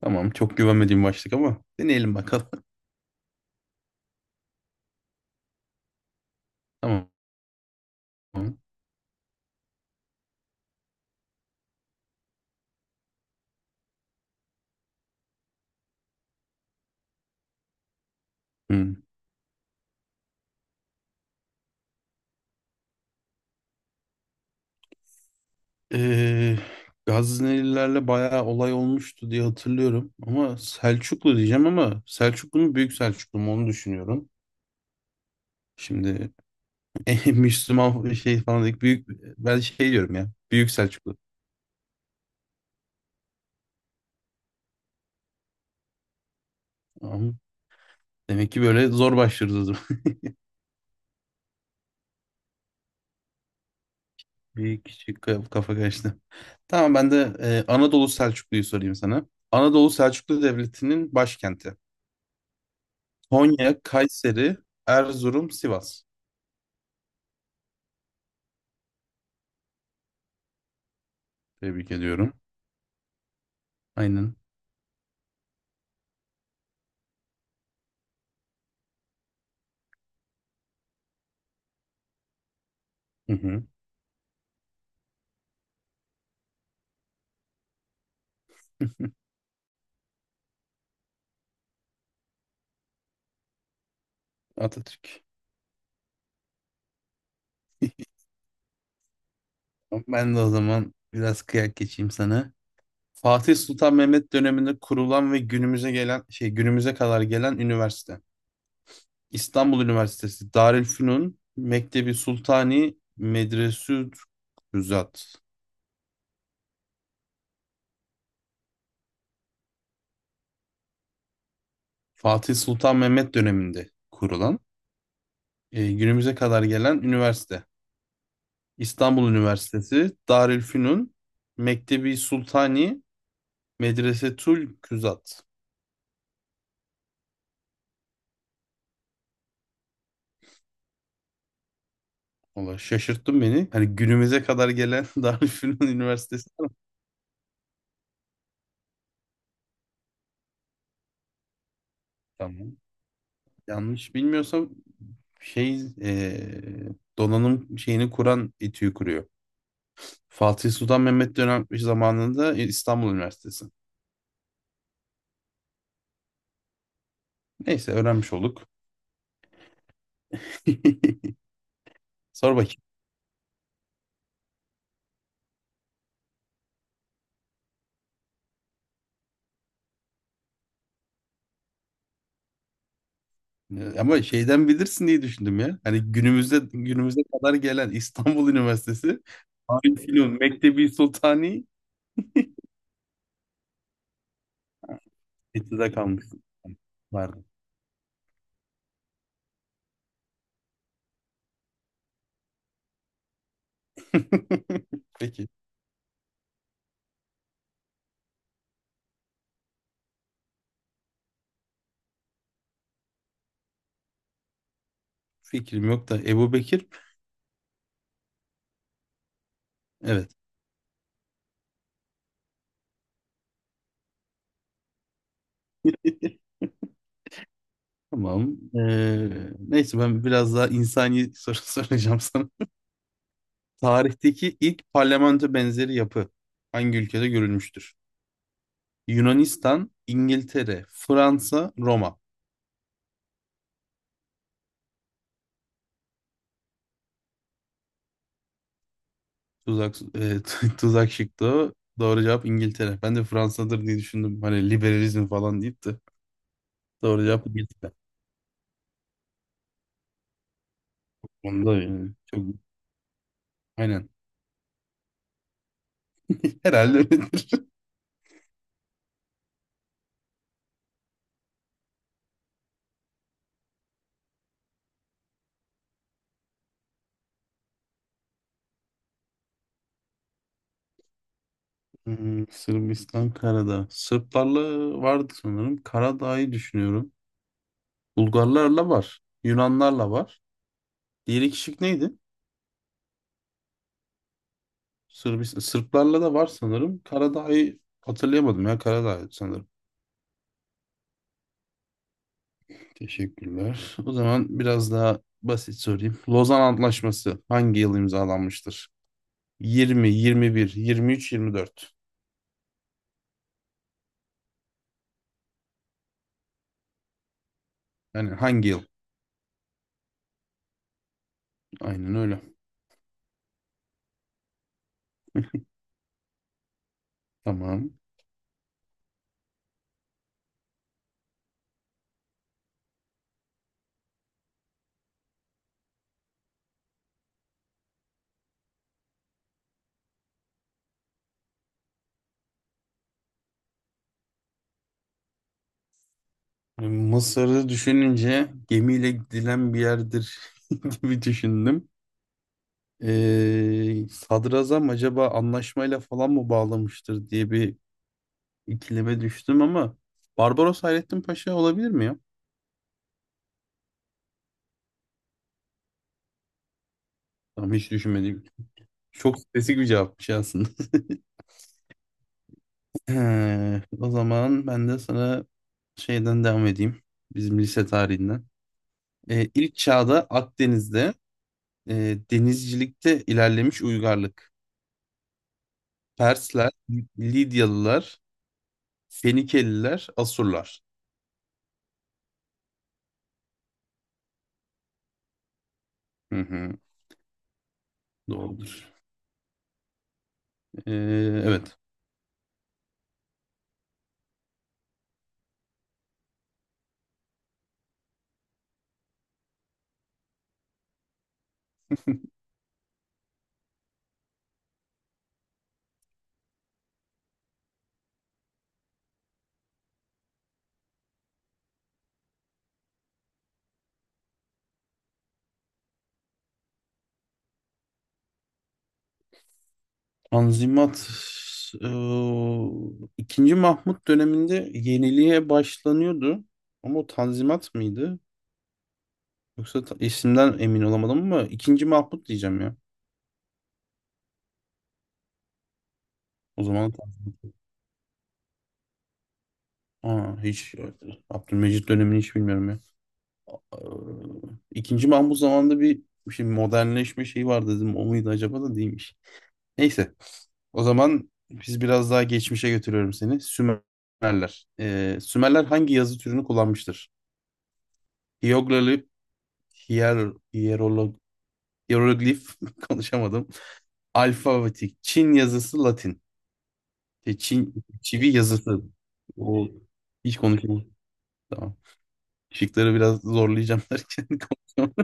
Tamam. Çok güvenmediğim başlık ama deneyelim bakalım. Tamam. Hmm. Ee, Gaznelilerle bayağı olay olmuştu diye hatırlıyorum. Ama Selçuklu diyeceğim ama Selçuklu mu Büyük Selçuklu mu onu düşünüyorum. Şimdi Müslüman şey falan dedik. Büyük, ben şey diyorum ya. Büyük Selçuklu. Tamam. Demek ki böyle zor başlıyoruz o zaman. Bir küçük kafa karıştı. Tamam ben de Anadolu Selçuklu'yu sorayım sana. Anadolu Selçuklu Devleti'nin başkenti. Konya, Kayseri, Erzurum, Sivas. Tebrik ediyorum. Aynen. Hı hı. Atatürk. Ben de o zaman biraz kıyak geçeyim sana. Fatih Sultan Mehmet döneminde kurulan ve günümüze gelen günümüze kadar gelen üniversite. İstanbul Üniversitesi, Darülfünun, Mektebi Sultani, Medresü Rüzat. Fatih Sultan Mehmet döneminde kurulan, günümüze kadar gelen üniversite. İstanbul Üniversitesi, Darülfünun, Mektebi Sultani, Medresetül Küzat. Valla şaşırttın beni. Hani günümüze kadar gelen Darülfünun Üniversitesi var mı? Tamam. Yanlış bilmiyorsam şey donanım şeyini kuran İTÜ'yü kuruyor. Fatih Sultan Mehmet dönem zamanında İstanbul Üniversitesi. Neyse öğrenmiş olduk. Sor bakayım. Ama şeyden bilirsin diye düşündüm ya. Hani günümüze kadar gelen İstanbul Üniversitesi Arif İnönü Mektebi Sultani etüde kalmışsın. Vardı. Peki. Fikrim yok da Ebu Bekir. Evet. Tamam. Neyse ben biraz daha insani soru soracağım sana. Tarihteki ilk parlamento benzeri yapı hangi ülkede görülmüştür? Yunanistan, İngiltere, Fransa, Roma. Tuzak, tuzak şıktı o. Doğru cevap İngiltere. Ben de Fransa'dır diye düşündüm. Hani liberalizm falan deyip de. Doğru cevap İngiltere. Onda yani. Çok, aynen. Herhalde öyledir. Hmm, Sırbistan, Karadağ. Sırplarla vardı sanırım. Karadağ'ı düşünüyorum. Bulgarlarla var. Yunanlarla var. Diğeri kişilik neydi? Sırbistan. Sırplarla da var sanırım. Karadağ'ı hatırlayamadım ya. Karadağ sanırım. Teşekkürler. O zaman biraz daha basit sorayım. Lozan Antlaşması hangi yıl imzalanmıştır? 20, 21, 23, 24. Yani hangi yıl? Aynen öyle. Tamam. Mısır'ı düşününce gemiyle gidilen bir yerdir gibi düşündüm. Sadrazam acaba anlaşmayla falan mı bağlamıştır diye bir ikileme düştüm ama Barbaros Hayrettin Paşa olabilir mi ya? Tamam hiç düşünmedim. Çok spesifik bir cevapmış aslında. He, o zaman ben de sana şeyden devam edeyim. Bizim lise tarihinden. İlk çağda Akdeniz'de denizcilikte ilerlemiş uygarlık. Persler, Lidyalılar, Fenikeliler, Asurlar. Hı hı, doğrudur. E, evet. Tanzimat e, ikinci Mahmut döneminde yeniliğe başlanıyordu. Ama o Tanzimat mıydı? Yoksa isimden emin olamadım ama ikinci Mahmut diyeceğim ya. O zaman. Aa, hiç Abdülmecit dönemini hiç bilmiyorum ya. Ee, İkinci Mahmut zamanında bir şimdi modernleşme şeyi var dedim. O muydu acaba da değilmiş. Neyse. O zaman biz biraz daha geçmişe götürüyorum seni. Sümerler. Sümerler hangi yazı türünü kullanmıştır? Hieroglif, hier, hierolog, hieroglif konuşamadım. Alfabetik. Çin yazısı Latin. Çin, çivi yazısı. O hiç konuşamadım. Tamam. Şıkları biraz zorlayacağım derken konuşuyorum.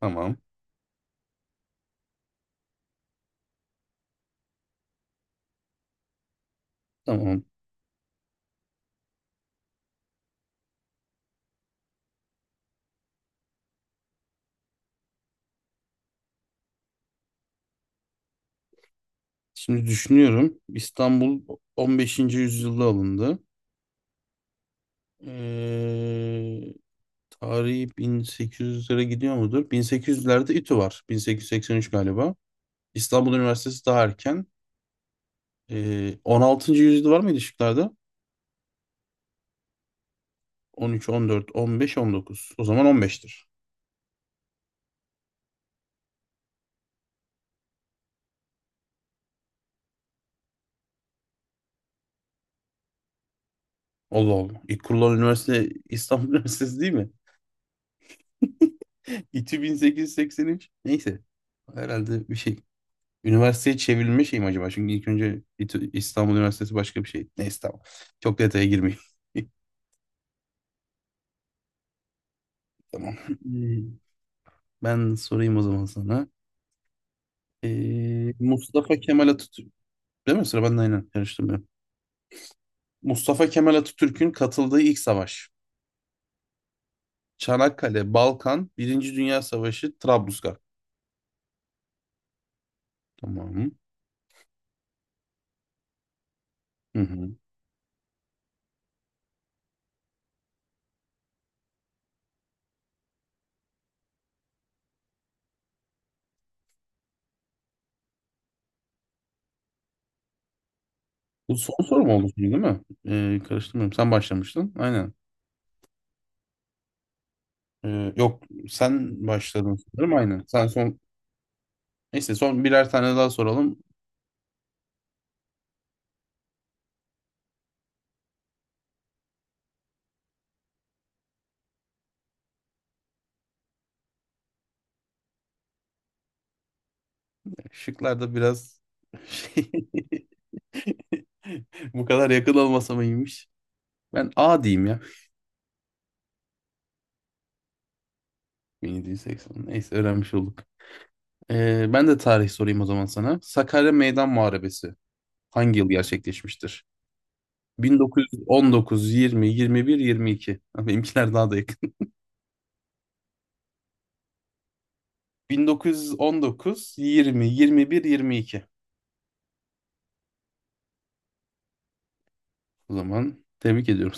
Tamam. Tamam. Şimdi düşünüyorum. İstanbul 15. yüzyılda alındı. Ee, tarihi 1800'lere gidiyor mudur? 1800'lerde İTÜ var. 1883 galiba. İstanbul Üniversitesi daha erken. 16. yüzyılda var mıydı şıklarda? 13, 14, 15, 19. O zaman 15'tir. Allah Allah. İlk kurulan üniversite İstanbul Üniversitesi değil mi? İTÜ 1883. Neyse. Herhalde bir şey Üniversiteye çevrilme şey mi acaba? Çünkü ilk önce İstanbul Üniversitesi başka bir şey. Neyse tamam. Çok detaya girmeyeyim. Tamam. Ben sorayım o zaman sana. Mustafa Kemal Atatürk. Değil mi? Sıra bende aynen. Karıştırmıyorum. Mustafa Kemal Atatürk'ün katıldığı ilk savaş. Çanakkale, Balkan, Birinci Dünya Savaşı, Trablusgarp. Tamam. Hı hı. Bu son soru mu oldu şimdi değil mi? Karıştırmıyorum. Sen başlamıştın. Aynen. Yok sen başladın sanırım. Aynen. Sen son. Neyse son birer tane daha soralım. Şıklar da biraz şey bu kadar yakın olmasa mı iyiymiş. Ben A diyeyim ya. 1780. Neyse öğrenmiş olduk. Ben de tarih sorayım o zaman sana. Sakarya Meydan Muharebesi hangi yıl gerçekleşmiştir? 1919, 20, 21, 22. Ha, benimkiler daha da yakın. 1919, 20, 21, 22. O zaman tebrik ediyorum